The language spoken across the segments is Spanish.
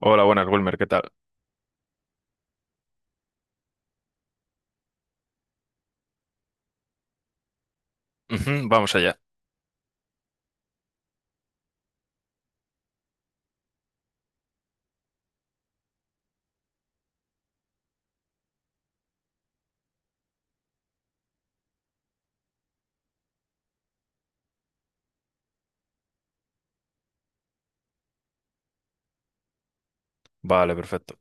Hola, buenas, Wilmer, ¿qué tal? Ujú, vamos allá. Vale, perfecto.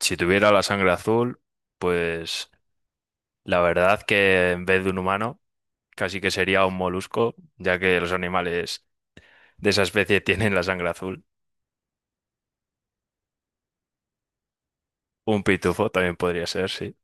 Si tuviera la sangre azul, pues la verdad que en vez de un humano, casi que sería un molusco, ya que los animales de esa especie tienen la sangre azul. Un pitufo también podría ser, sí.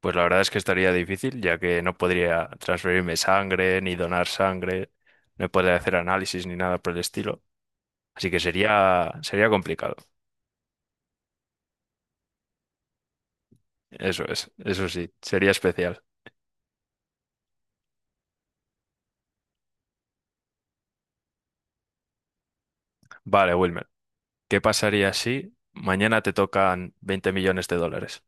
Pues la verdad es que estaría difícil, ya que no podría transferirme sangre, ni donar sangre, no podría hacer análisis ni nada por el estilo. Así que sería, sería complicado. Eso es, eso sí, sería especial. Vale, Wilmer. ¿Qué pasaría si mañana te tocan 20 millones de dólares?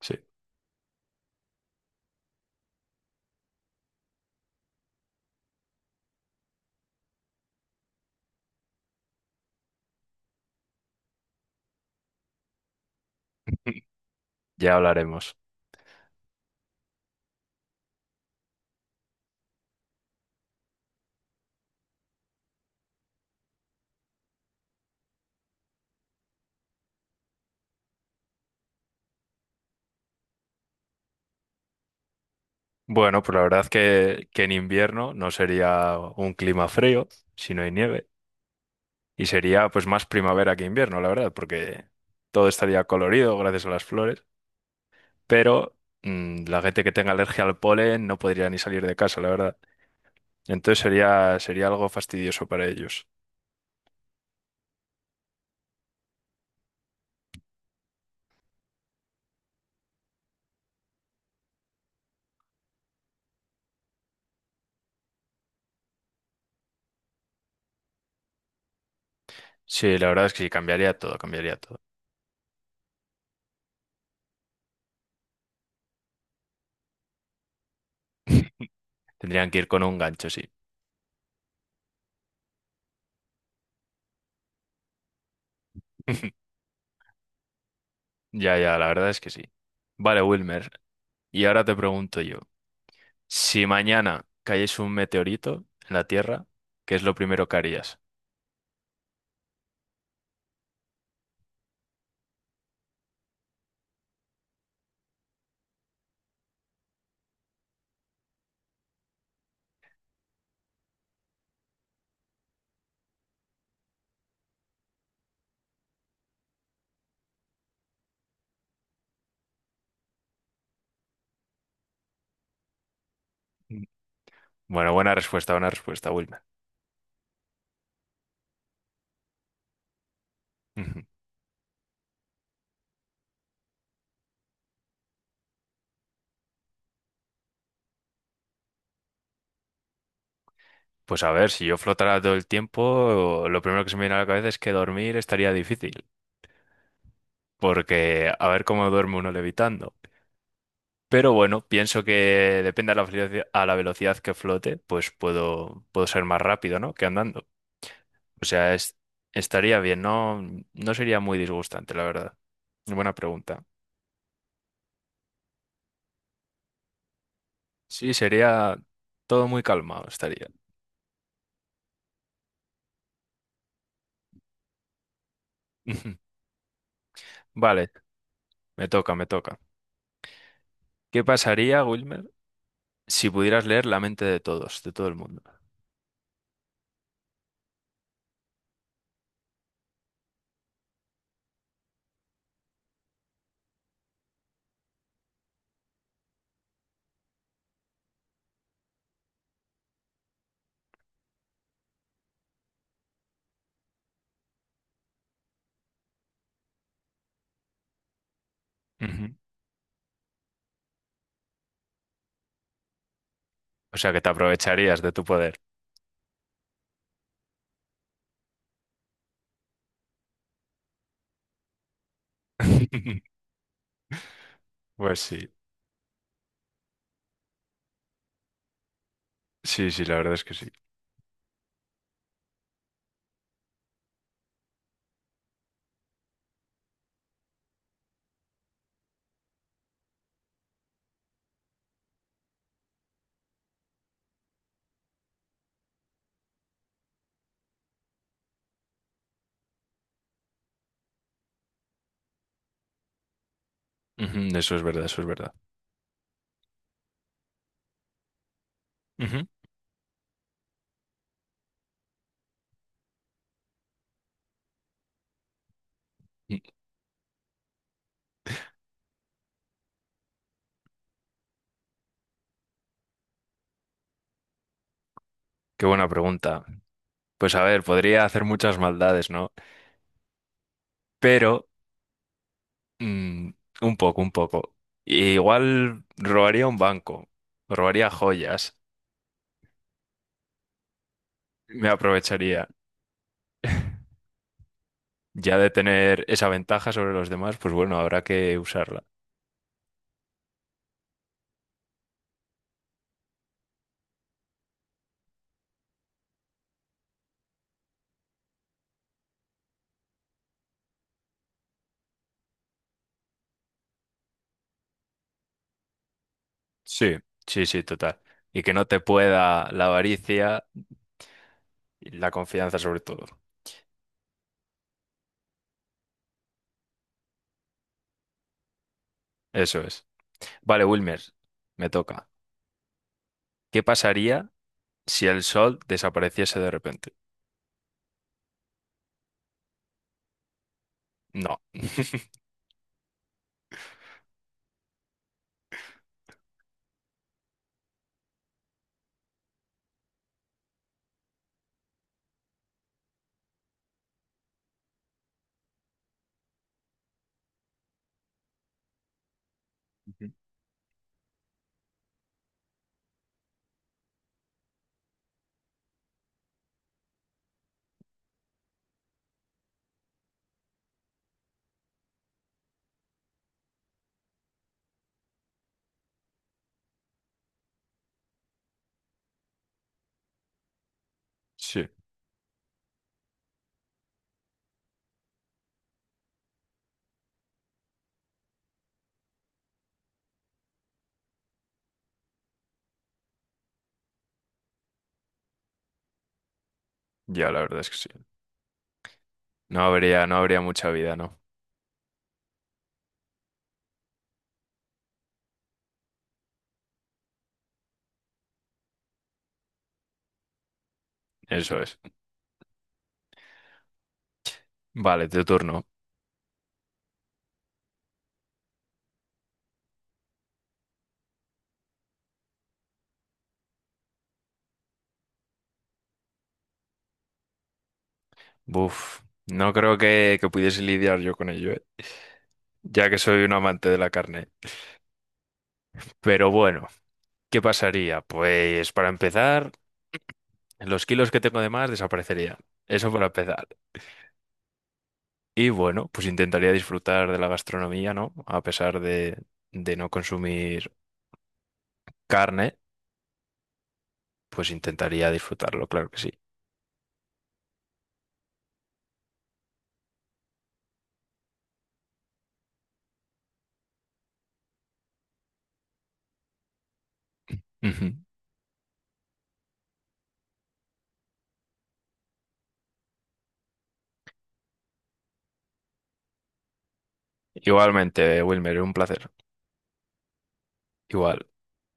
Sí, ya hablaremos. Bueno, pues la verdad que en invierno no sería un clima frío, si no hay nieve. Y sería pues más primavera que invierno, la verdad, porque todo estaría colorido gracias a las flores. Pero la gente que tenga alergia al polen no podría ni salir de casa, la verdad. Entonces sería, sería algo fastidioso para ellos. Sí, la verdad es que sí, cambiaría todo, cambiaría todo. Tendrían que ir con un gancho, sí. Ya, ya, la verdad es que sí. Vale, Wilmer, y ahora te pregunto yo, si mañana cayese un meteorito en la Tierra, ¿qué es lo primero que harías? Mm. Bueno, buena respuesta, Wilmer. Ujú. Pues a ver, si yo flotara todo el tiempo, lo primero que se me viene a la cabeza es que dormir estaría difícil, porque a ver cómo duerme uno levitando. Pero bueno, pienso que depende a la velocidad que flote, pues puedo, puedo ser más rápido, ¿no? Que andando. O sea, estaría bien, no, no sería muy disgustante, la verdad. Buena pregunta. Sí, sería todo muy calmado, estaría. Vale, me toca, me toca. ¿Qué pasaría, Wilmer, si pudieras leer la mente de todos, de todo el mundo? Ujú. O sea, que te aprovecharías de tu poder. Pues sí, sí, sí, la verdad es que sí. Ujú, eso es verdad, eso es verdad. Ujú. Qué buena pregunta. Pues a ver, podría hacer muchas maldades, ¿no? Pero Mm, un poco, un poco. E igual robaría un banco, robaría joyas, me aprovecharía. Ya de tener esa ventaja sobre los demás, pues bueno, habrá que usarla. Sí, sí, sí, total. Y que no te pueda la avaricia y la confianza sobre todo. Eso es. Vale, Wilmer, me toca. ¿Qué pasaría si el sol desapareciese de repente? No. Ujú. Sí, ya la verdad es que sí. No habría, no habría mucha vida, ¿no? Eso es. Vale, tu turno. Buf, no creo que pudiese lidiar yo con ello, ¿eh? Ya que soy un amante de la carne. Pero bueno, ¿qué pasaría? Pues para empezar, los kilos que tengo de más desaparecerían. Eso para empezar. Y bueno, pues intentaría disfrutar de la gastronomía, ¿no? A pesar de no consumir carne, pues intentaría disfrutarlo, claro que sí. Ujú. Igualmente, Wilmer, un placer. Igual.